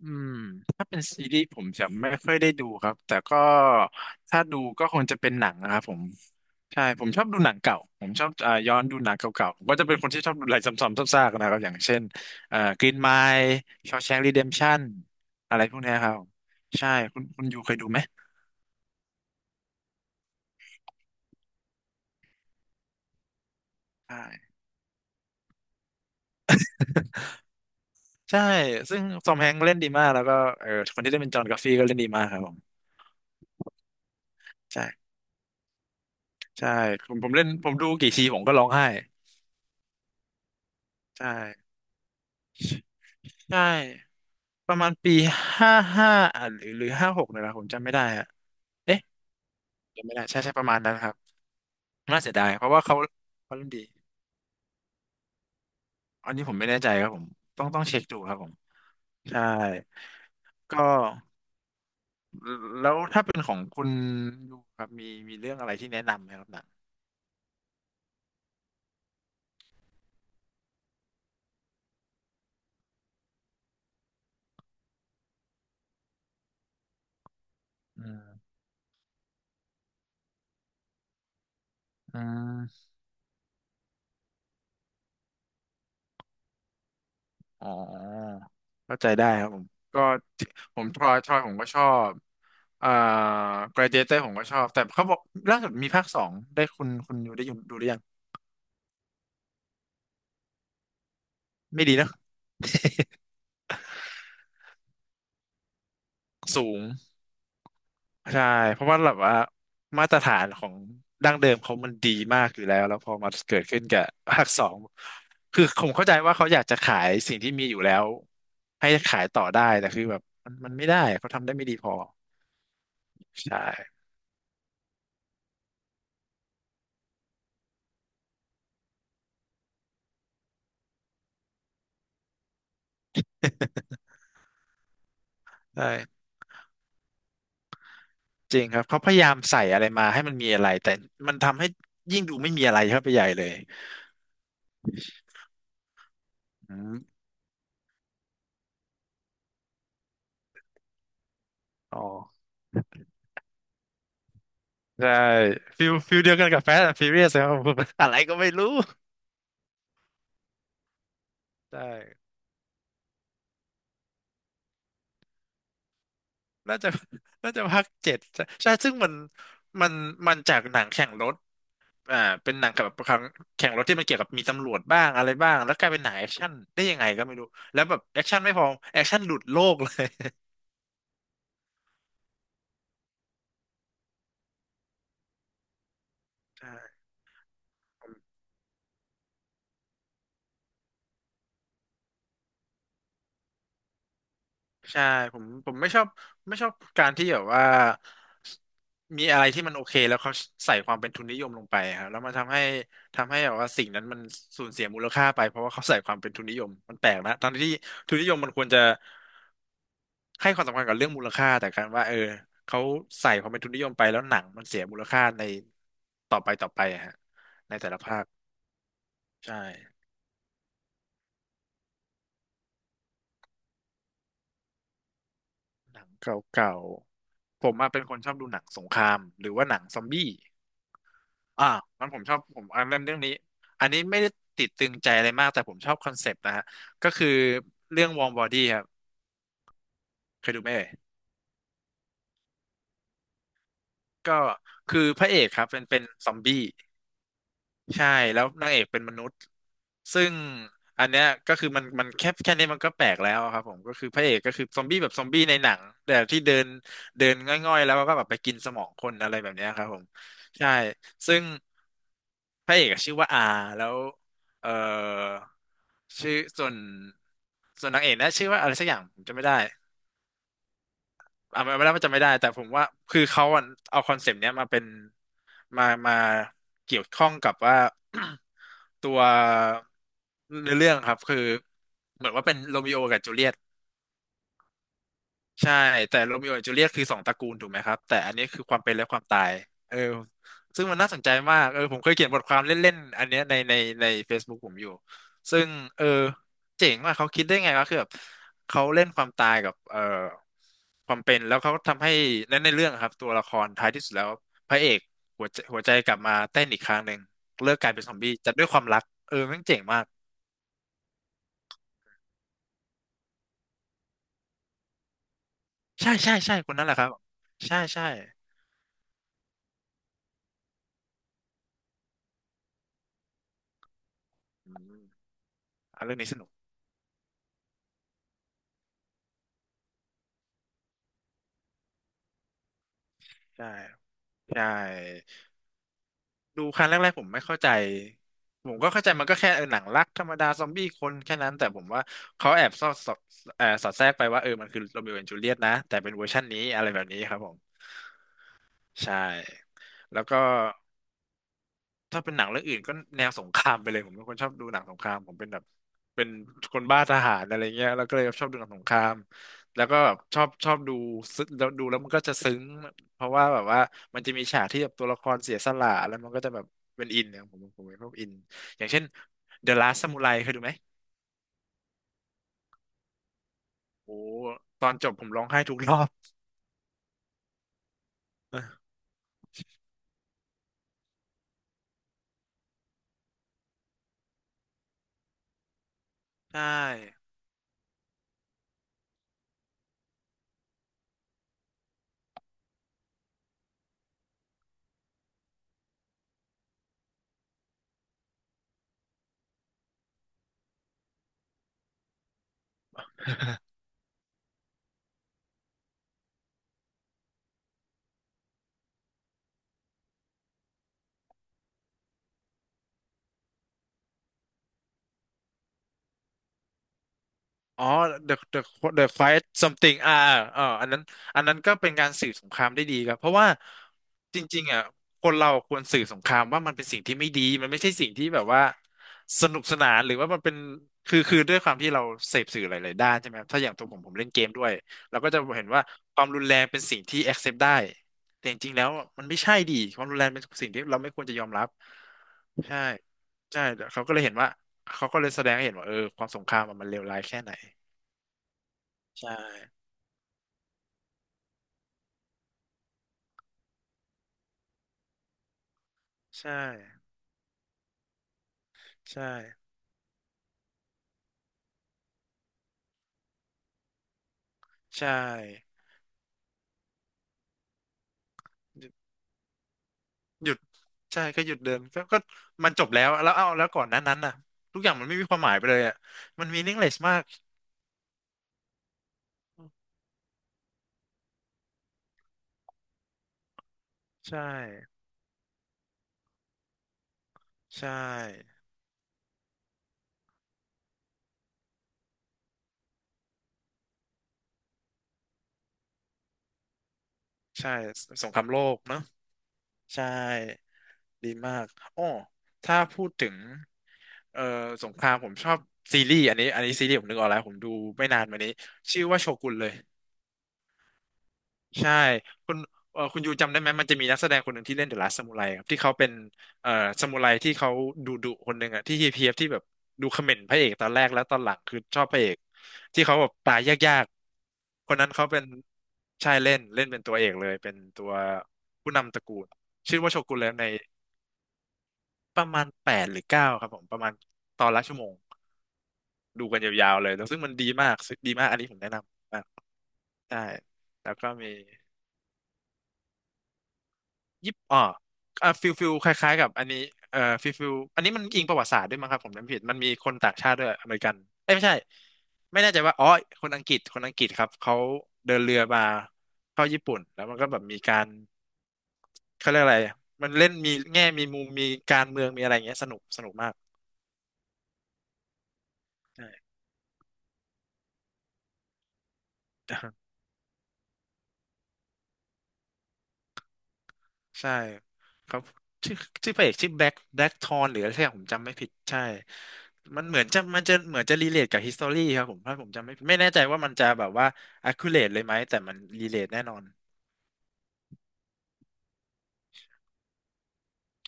อืมถ้าเป็นซีรีส์ผมจะไม่ค่อยได้ดูครับแต่ก็ถ้าดูก็คงจะเป็นหนังนะครับผมใช่ผมชอบดูหนังเก่าผมชอบย้อนดูหนังเก่าๆผมก็จะเป็นคนที่ชอบดูอะไรซ้ำๆซากๆนะครับอย่างเช่นเอ่อ e n Mile s h a w s h a n k Redemption อะไรพวกเนี้ยครับใช่คุณยูเคยดูไหมใช่ใช่ซึ่งทอมแฮงค์เล่นดีมากแล้วก็เออคนที่ได้เป็นจอห์นกัฟฟี่ก็เล่นดีมากครับผมใช่ใช่ผมเล่นผมดูกี่ทีผมก็ร้องไห้ใช่ใช่ ประมาณปีห้าห้าอ่ะหรือห้าหกเนี่ยแหละผมจำไม่ได้อะเอ๊ะจำไม่ได้ใช่ใช่ประมาณนั้นครับน่าเสียดายเพราะว่าเขาเล่นดีอันนี้ผมไม่แน่ใจครับผมต้องเช็คดูครับผมใช่ก็แล้วถ้าเป็นของคุณยูครับมีเรื่องอะไรที่แนะนำไหมครับหนังอืมอืมอ๋อเข้าใจได้ครับผมก็ผมทรอยผมก็ชอบเอ่อ Gladiator ผมก็ชอบแต่เขาบอกล่าสุดมีภาคสองได้คุณยูได้ยูดูหรือยังไม่ดีนะ สูงใช่เพราะว่าแบบว่ามาตรฐานของดั้งเดิมเขามันดีมากอยู่แล้วแล้วพอมาเกิดขึ้นกับภาคสองคือผมเข้าใจว่าเขาอยากจะขายสิ่งที่มีอยู่แล้วให้ขายต่อได้แต่คือแบบมันไม่ได้เขาทำได้ไม่ดีพอใช่ใช่จริงครับเขาพยายามใส่อะไรมาให้มันมีอะไรแต่มันทำให้ยิ่งดูไม่มีอะไรเข้าไปใหญ่เลยอืมอ๋อใช่ฟิลเดียวกันกับแฟ t ์แอนด์ฟิ r เรียสครับผม อะไรก็ไม่รู้ใช่ น่าจะ น่าจะภาคเจ็ดใช่ใช่ซึ่งมันมันจากหนังแข่งรถอ่าเป็นหนังกับครั้งแข่งรถที่มันเกี่ยวกับมีตำรวจบ้างอะไรบ้างแล้วกลายเป็นหนังแอคชั่นได้ยังไงก็ไม่รู้แล้วแบบแอคชั่นไม่พอแอคชั่นหลุดโลกเลย ใช่ผมใช่ผมไม่ชอบไม่ชอบการที่แบบว่ามีอะไรที่มันโอเคแล้วเขาใส่ความเป็นทุนนิยมลงไปครับแล้วมันทำให้ทำให้แบบว่าสิ่งนั้นมันสูญเสียมูลค่าไปเพราะว่าเขาใส่ความเป็นทุนนิยมมันแปลกนะตอนที่ทุนนิยมมันควรจะ ให้ความสำคัญกับเรื่องมูลค่าแต่การว่าเขาใส่ความเป็นทุนนิยมไปแล้วหนังมันเสียมูลค่าในต่อไปอะฮะในแต่ละภาคใช่หนังเก่าๆผมอะเป็นคนชอบดูหนังสงครามหรือว่าหนังซอมบี้อ่ามันผมชอบผมอันนั้นเรื่องนี้อันนี้ไม่ได้ติดตึงใจอะไรมากแต่ผมชอบคอนเซปต์นะฮะก็คือเรื่องวอร์มบอดี้ครับเคยดูไหมเอ่ยก็คือพระเอกครับเป็นซอมบี้ ใช่แล้วนางเอกเป็นมนุษย์ซึ่งอันเนี้ยก็คือมันแค่นี้มันก็แปลกแล้วอะครับผมก็คือพระเอกก็คือซอมบี้แบบซอมบี้ในหนังแต่ที่เดินเดินง่อยๆแล้วก็แบบไปกินสมองคนอะไรแบบเนี้ยครับผมใช่ซึ่งพระเอกอะชื่อว่าอาแล้วเออชื่อส่วนส่วนนางเอกนะชื่อว่าอะไรสักอย่างผมจำไม่ได้ อ่ะมันไม่ได้ว่าจะไม่ได้แต่ผมว่าคือเขาอะเอาคอนเซปต์เนี้ยมาเป็นมาเกี่ยวข้องกับว่า ตัวในอเรื่องครับคือเหมือนว่าเป็นโรมิโอกับจูเลียต ใช่แต่โรมิโอและจูเลียตคือสองตระกูลถูกไหมครับแต่อันนี้คือความเป็นและความตายเออซึ่งมันน่าสนใจมากเออผมเคยเขียนบทความเล่นๆอันเนี้ยใน Facebook ผมอยู่ซึ่งเออเจ๋งมากเขาคิดได้ไงวะคือแบบเขาเล่นความตายกับเออความเป็นแล้วเขาทำให้ในเรื่องอะครับตัวละครท้ายที่สุดแล้วพระเอกหัวใจกลับมาเต้นอีกครั้งหนึ่งเลิกกลายเป็นซอมบี้แต่ด้วยความรักเออแม่งเจ๋งมากใช่ใช่คนนั้นแหละครับใช่ใช่อืมอ่ะเรื่องนี้สนุกใช่ ใช่ดูครั้งแรกๆผมไม่เข้าใจผมก็เข้าใจมันก็แค่เออหนังรักธรรมดาซอมบี้คนแค่นั้นแต่ผมว่าเขาแอบสอดสอดสอดแทรกไปว่าเออมันคือโร e o โอแอนด์จูเลียตนะแต่เป็นเวอร์ชันนี้อะไรแบบนี้ครับผมใช่แล้วก็ ถ้าเป็นหนังเรื่องอื่นก็แนวสงครามไปเลยผมเป็นคนชอบดูหนังสงครามผมเป็นแบบเป็นคนบ้าทหารอะไรเงี้ยแล้วก็เลยชอบดูหนังสงครามแล้วก็แบบชอบดูซึ้งแล้วดูแล้วมันก็จะซึ้งเพราะว่าแบบว่ามันจะมีฉากที่แบบตัวละครเสียสละแล้วมันก็จะแบบเป็นอินเนี่ยผมเป็นพวกอินอย่างเช่น The Last Samurai เคยดูไหมโอ้ตอนจบผมร้องไห้ทุกรอบเออใช่ อ๋อ the the the fight something อันนั้นอันนั้นก็เป็นการสื่อสงครามได้ดีครับเพราะว่าจริงๆอ่ะคนเราควรสื่อสงครามว่ามันเป็นสิ่งที่ไม่ดีมันไม่ใช่สิ่งที่แบบว่าสนุกสนานหรือว่ามันเป็นคือด้วยความที่เราเสพสื่อหลายๆด้านใช่ไหมครับถ้าอย่างตัวผมเล่นเกมด้วยเราก็จะเห็นว่าความรุนแรงเป็นสิ่งที่ accept ได้แต่จริงๆแล้วมันไม่ใช่ดีความรุนแรงเป็นสิ่งที่เราไม่ควรจะยอมรับใช่ใช่เขาก็เลยเห็นว่า เขาก็เลยแสดงให้เห็นว่าเออความสงครามอะมันเลวร้ายแค่ไหนใช่ใช่ใช่ใช่หยุดหยุดใช่ก็หยุดเดินก็มันจบแล้วแล้วเอาแล้วก่อนหนั้นนั้นน่ะทุกอย่างมันไม่มีความหมายไปเลยอ่ะมันมีนิ่งเลสมากใช่ใช่ใช่สงครามโลกเนอะใช่ดีมากอ้อถ้าพูดถึงเอ่อสงครามผมชอบซีรีส์อันนี้อันนี้ซีรีส์ผมนึกออกแล้วผมดูไม่นานมานี้ชื่อว่าโชกุนเลย ใช่คุณคุณยูจำได้ไหมมันจะมีนักแสดงคนหนึ่งที่เล่นเดอะลาส t ซามูไรครับที่เขาเป็นเอ่อซามูไรที่เขาดุดุคนหนึ่งอะที่เฮียบที่แบบดูเขม่นพระเอกตอนแรกแล้วตอนหลังคือชอบพระเอกที่เขาแบบตายยากๆคนนั้นเขาเป็นใช่เล่นเล่นเป็นตัวเอกเลยเป็นตัวผู้นำตระกูลชื่อว่าโชกุนแล้วในประมาณแปดหรือเก้าครับผมประมาณตอนละชั่วโมงดูกันยาวๆเลยแล้วซึ่งมันดีมากซึ่งดีมากอันนี้ผมแนะนำมากใช่แล้วก็มี ยิปอ่าอ่าฟิลคล้ายๆกับอันนี้ฟิลอันนี้มันอิงประวัติศาสตร์ด้วยมั้งครับผมจำผิดมันมีคนต่างชาติด้วยอเมริกันเอ้ยไม่ใช่ไม่แน่ใจว่าอ๋อคนอังกฤษครับเขาเดินเรือมาเข้าญี่ปุ่นแล้วมันก็แบบมีการเขาเรียกอะไรมันเล่นมีแง่มีมุมมีการเมืองมีอะไรอย่างเงี้ยสนุกมากใช่ ใช่ครับชื่อชื่อพระเอกชื่อแบ็คทอนหรืออะไรสักอย่างผมจำไม่ผิดใช่ มันเหมือนจะมันจะเหมือนจะรีเลทกับฮิสตอรี่ครับผมถ้าผมจำไม่ผิดไม่แน่ใจว่ามันจะแบบว่า accurate เลยไหมแต่มันรีเลทแน่นอน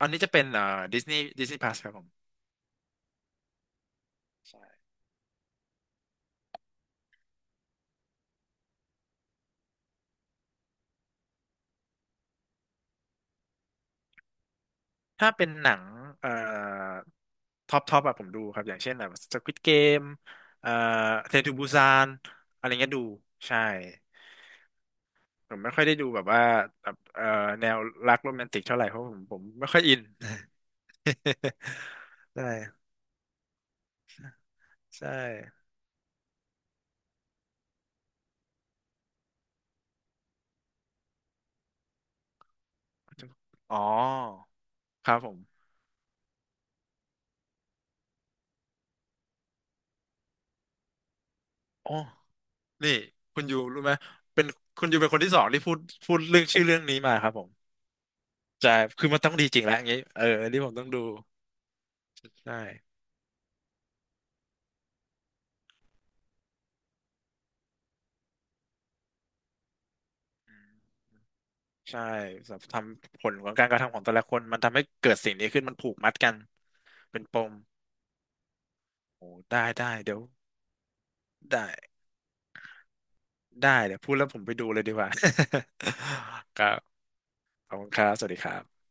อันนี้จะเป็นดิสนีย์พลัสครับผมใช่ถ้าเป็นหนังเอ่อท็อปท็อปอะผมดูครับอย่างเช่นแบบ Squid Game เอ่อเทนทูบูซานอะไรเงี้ยดูใช่ผมไม่ค่อยได้ดูแบบว่าแบบแนวรักโรแมนติกเท่าไหร่เพราะผมไม่ค่อยอิน ได้ใช่อ๋อครับผมอ๋อนี่คุณยูรู้ไหมเป็นคุณยูเป็นคนที่สองที่พูดพูดเรื่องชื่อเรื่องนี้มาครับผมใช่คือมันต้องดีจริงแล้วอย่างนี้เอออันนี้ผมต้องดูใช่อืมใช่สำหรับทำผลของการกระทำของแต่ละคนมันทำให้เกิดสิ่งนี้ขึ้นมันผูกมัดกันเป็นปมโอ้ได้ได้เดี๋ยวได้พูดแล้วผมไปดูเลยดีกว่า ครับขอบคุณครับสวัสดีครับ